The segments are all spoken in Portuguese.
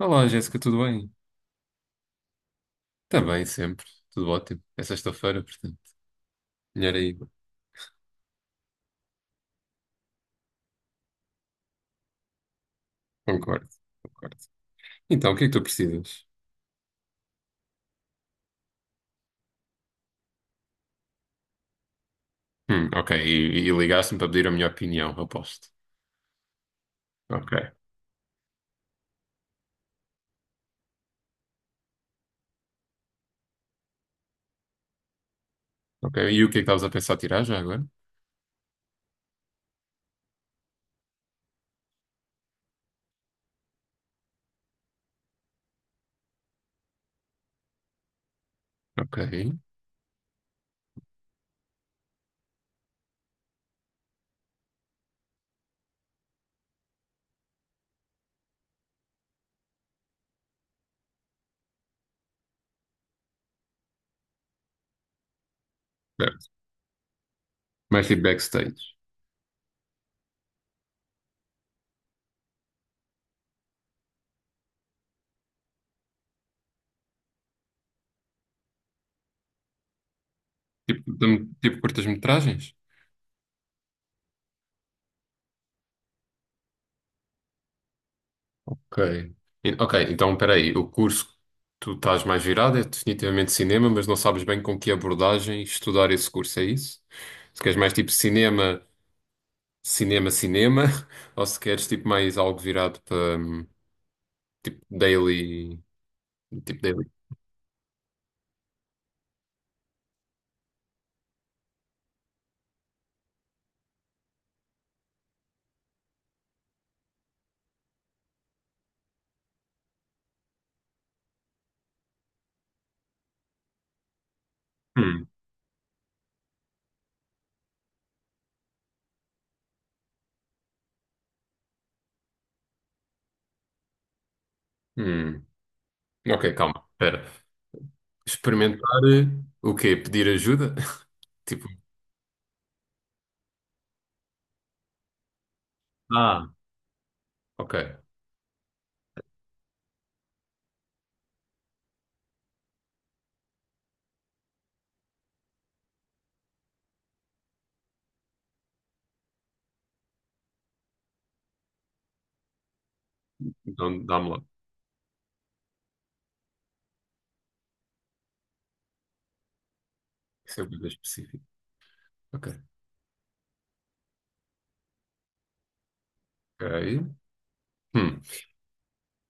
Olá, Jéssica, tudo bem? Está bem, sempre. Tudo ótimo. É sexta-feira, portanto. Melhor aí. Concordo, concordo. Então, o que é que tu precisas? Ok, e ligaste-me para pedir a minha opinião, aposto. Ok, ok. E o que é que estavas a pensar tirar já agora? Ok. Certo. Mais tipo backstage. Tipo, tipo curtas-metragens? Ok. E- ok, então espera aí. O curso que tu estás mais virado é definitivamente cinema, mas não sabes bem com que abordagem estudar esse curso, é isso? Se queres mais tipo cinema, cinema, ou se queres tipo mais algo virado para tipo daily, tipo daily. Hum, hum. Ok, calma, espera. Experimentar o quê? Pedir ajuda? Tipo, ah, ok, então dá-me lá. Isso é uma coisa específica. Ok. Ok. Hum.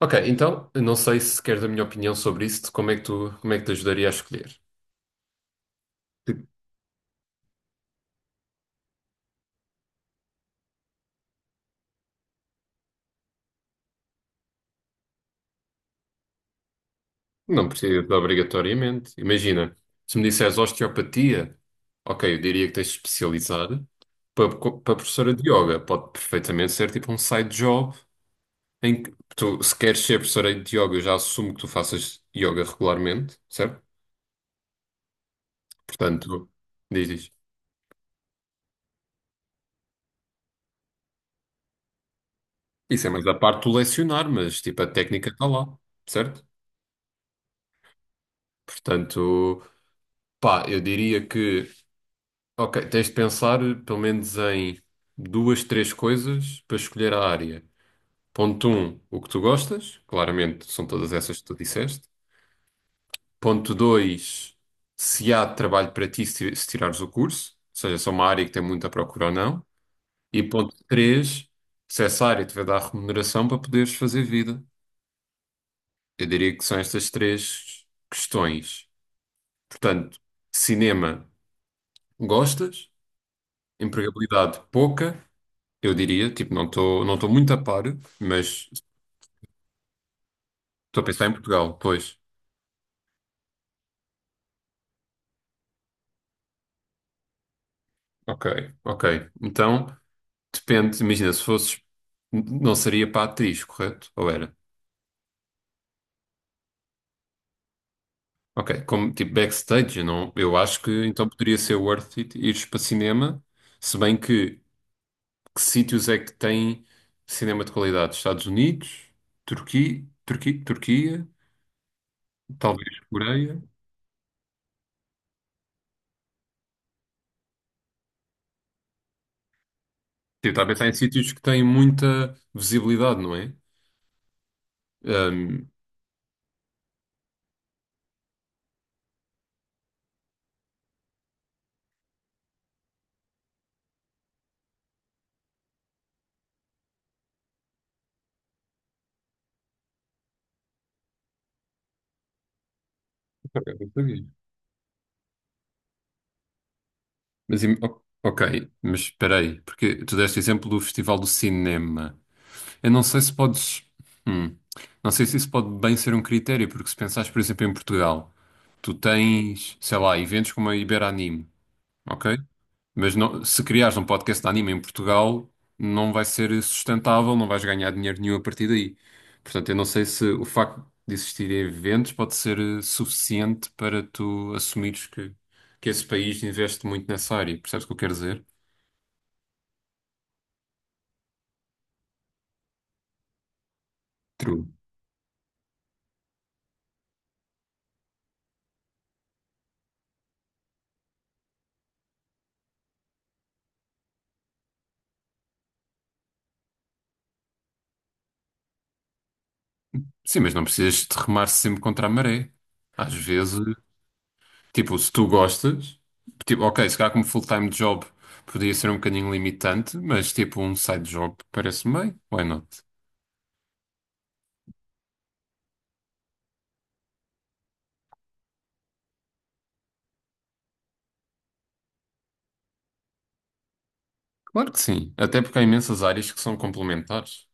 Ok, então, não sei se queres a minha opinião sobre isso, de como é que tu, como é que te ajudaria a escolher. Não precisa de obrigatoriamente. Imagina, se me disseres osteopatia, ok, eu diria que tens de especializar. Para professora de yoga, pode perfeitamente ser tipo um side job em que tu, se queres ser professora de yoga, eu já assumo que tu faças yoga regularmente, certo? Portanto, diz. Isso é mais a parte do lecionar, mas tipo a técnica está lá, certo? Portanto, pá, eu diria que, ok, tens de pensar pelo menos em duas, três coisas para escolher a área. Ponto um, o que tu gostas, claramente são todas essas que tu disseste. Ponto dois, se há trabalho para ti se se tirares o curso, ou seja, se é uma área que tem muita procura ou não. E ponto três, se essa área te vai dar remuneração para poderes fazer vida. Eu diria que são estas três questões. Portanto, cinema, gostas, empregabilidade, pouca, eu diria, tipo, não estou muito a par, mas estou a pensar em Portugal, pois. Ok, ok. Então. Depende, imagina, se fosses, não seria para a atriz, correto? Ou era? Ok, como tipo backstage, não, eu acho que então poderia ser worth it ires para cinema, se bem que sítios é que tem cinema de qualidade? Estados Unidos, Turquia, Turquia, Turquia, talvez Coreia. Tipo, está a pensar em sítios que têm muita visibilidade, não é? Ahm, É bem por aí. Ok, mas espera aí, porque tu deste exemplo do Festival do Cinema. Eu não sei se podes. hum, não sei se isso pode bem ser um critério, porque se pensares, por exemplo, em Portugal, tu tens, sei lá, eventos como a Iberanime, ok? Se criares um podcast de anime em Portugal, não vai ser sustentável, não vais ganhar dinheiro nenhum a partir daí. Portanto, eu não sei se o facto de existirem eventos pode ser suficiente para tu assumires que esse país investe muito nessa área. Percebes o que eu quero dizer? True. Sim, mas não precisas de remar sempre contra a maré. Às vezes. Tipo, se tu gostas, tipo, ok, se calhar como full-time job podia ser um bocadinho limitante, mas tipo um side job parece-me bem, why not? Claro que sim, até porque há imensas áreas que são complementares.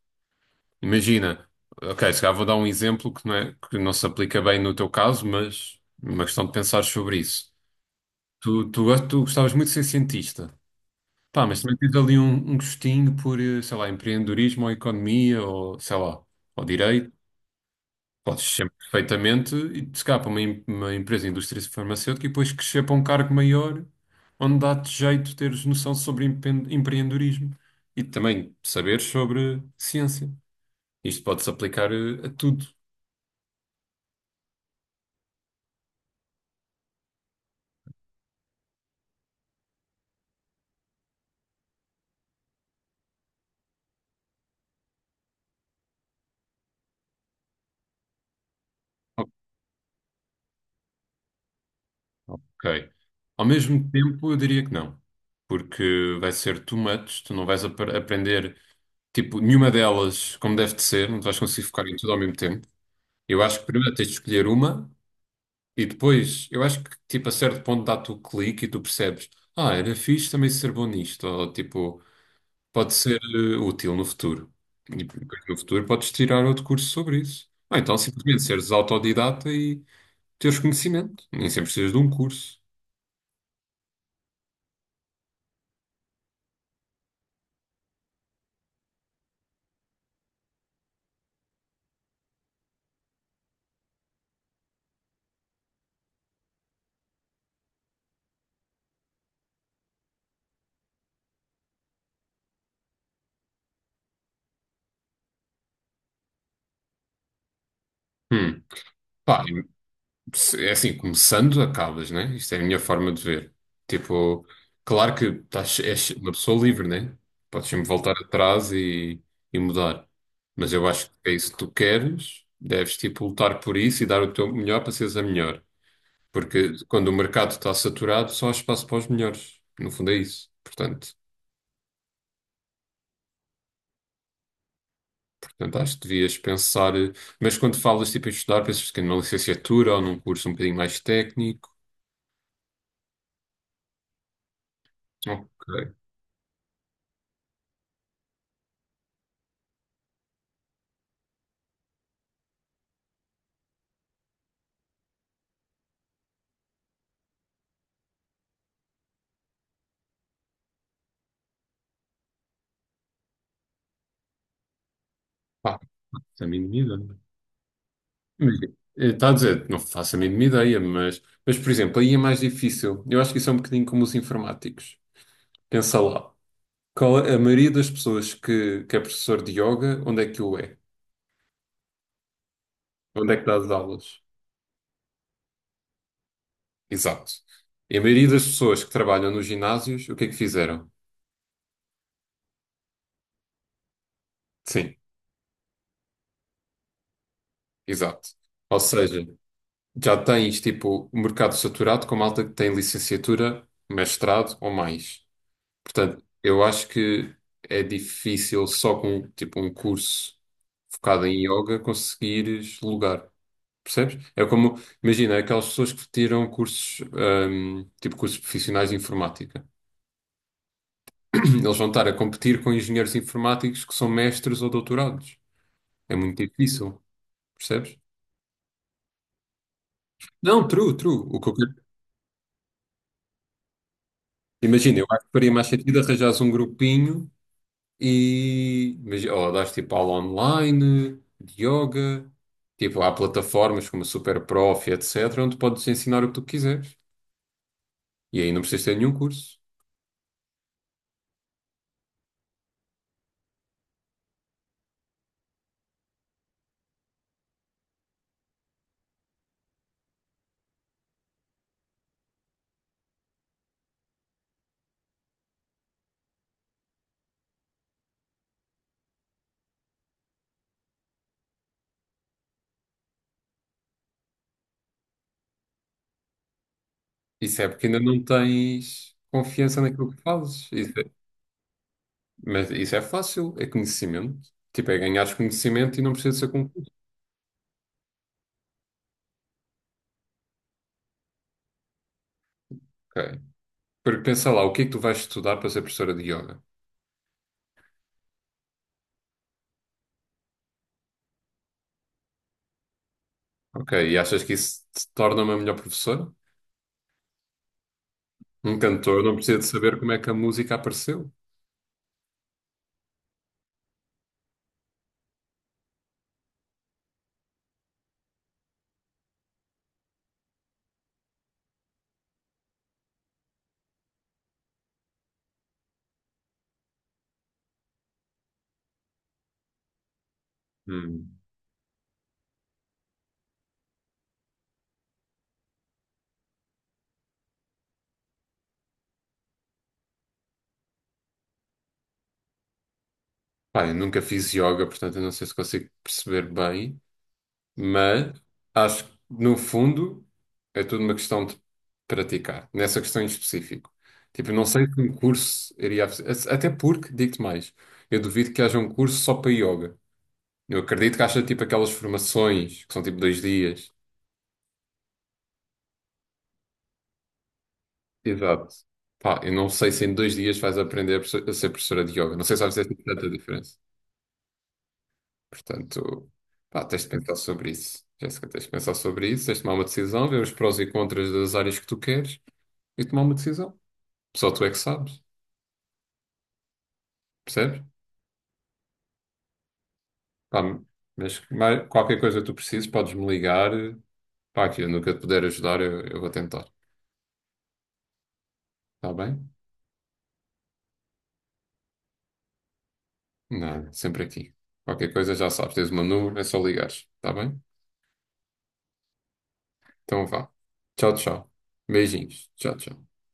Imagina, ok, se calhar vou dar um exemplo que não é, que não se aplica bem no teu caso, mas é uma questão de pensar sobre isso. Tu gostavas muito de ser cientista. Pá, mas também tens ali um, um gostinho por, sei lá, empreendedorismo ou economia ou, sei lá, ou direito. Podes sempre perfeitamente e te escapa uma, uma empresa de indústria farmacêutica e depois crescer para um cargo maior, onde dá-te jeito teres noção sobre empreendedorismo e também saber sobre ciência. Isto pode-se aplicar a tudo. O- Ok. Ao mesmo tempo, eu diria que não, porque vai ser too much, tu não vais aprender, tipo, nenhuma delas como deve de ser, não te vais conseguir focar em tudo ao mesmo tempo. Eu acho que primeiro tens de escolher uma. E depois, eu acho que tipo a certo ponto dá-te o clique e tu percebes, ah, era fixe também ser bom nisto, ou tipo, pode ser útil no futuro. E depois no futuro podes tirar outro curso sobre isso. Ou então simplesmente seres autodidata e teres conhecimento. Nem sempre precisas de um curso. Hum. Pá, se- é assim, começando, acabas, né? Isto é a minha forma de ver. Tipo, claro que estás, és uma pessoa livre, né? Podes sempre voltar atrás e mudar. Mas eu acho que é isso que tu queres, deves, tipo, lutar por isso e dar o teu melhor para seres a melhor. Porque quando o mercado está saturado, só há espaço para os melhores. No fundo é isso. Portanto, portanto, acho que devias pensar. Mas quando falas, tipo, em estudar, pensas que numa licenciatura ou num curso um bocadinho mais técnico. Ok. Pá, isso a mim não me engano. Está a dizer, não faço a mínima ideia, mas, por exemplo, aí é mais difícil. Eu acho que isso é um bocadinho como os informáticos. Pensa lá. Qual é- a maioria das pessoas que é professor de yoga, onde é que o é? Onde é que dá as aulas? Exato. E a maioria das pessoas que trabalham nos ginásios, o que é que fizeram? Sim, exato. Ou seja, já tens tipo o mercado saturado com malta que tem licenciatura, mestrado ou mais. Portanto, eu acho que é difícil só com tipo um curso focado em yoga conseguires lugar. Percebes? É como, imagina, aquelas pessoas que tiram cursos, tipo cursos profissionais de informática. Eles vão estar a competir com engenheiros informáticos que são mestres ou doutorados. É muito difícil, percebes? Não, true, true. O que eu quero... Imagina, eu acho que faria mais sentido arranjares um grupinho. E mas, ó, dás tipo aula online, de yoga, tipo, há plataformas como a Superprof, etc., onde podes ensinar o que tu quiseres. E aí não precisas ter nenhum curso. Isso é porque ainda não tens confiança naquilo que fazes. Isso é- mas isso é fácil, é conhecimento. Tipo, é ganhares conhecimento e não precisa ser concurso. Ok. Porque pensa lá, o que é que tu vais estudar para ser professora de yoga? Ok, e achas que isso te torna uma melhor professora? Um cantor não precisa de saber como é que a música apareceu. Hum. Pá, eu nunca fiz yoga, portanto eu não sei se consigo perceber bem. Mas acho que, no fundo, é tudo uma questão de praticar, nessa questão em específico. Tipo, não sei que um curso Até porque, digo-te mais, eu duvido que haja um curso só para yoga. Eu acredito que haja tipo aquelas formações que são tipo 2 dias. Exato. Pá, eu não sei se em 2 dias vais aprender a a ser professora de yoga. Não sei se vais ter tanta diferença. Portanto, pá, tens de pensar sobre isso. Jéssica, tens de pensar sobre isso, tens de tomar uma decisão, ver os prós e contras das áreas que tu queres e tomar uma decisão. Só tu é que sabes, percebes? Pá, mas mais- qualquer coisa que tu precises, podes me ligar. Pá, aqui, no que eu te puder ajudar, eu vou tentar. Está bem? Nada, sempre aqui. Qualquer coisa já sabes, tens o meu número, é só ligares. Está bem? Então vá. Tchau, tchau. Beijinhos. Tchau, tchau.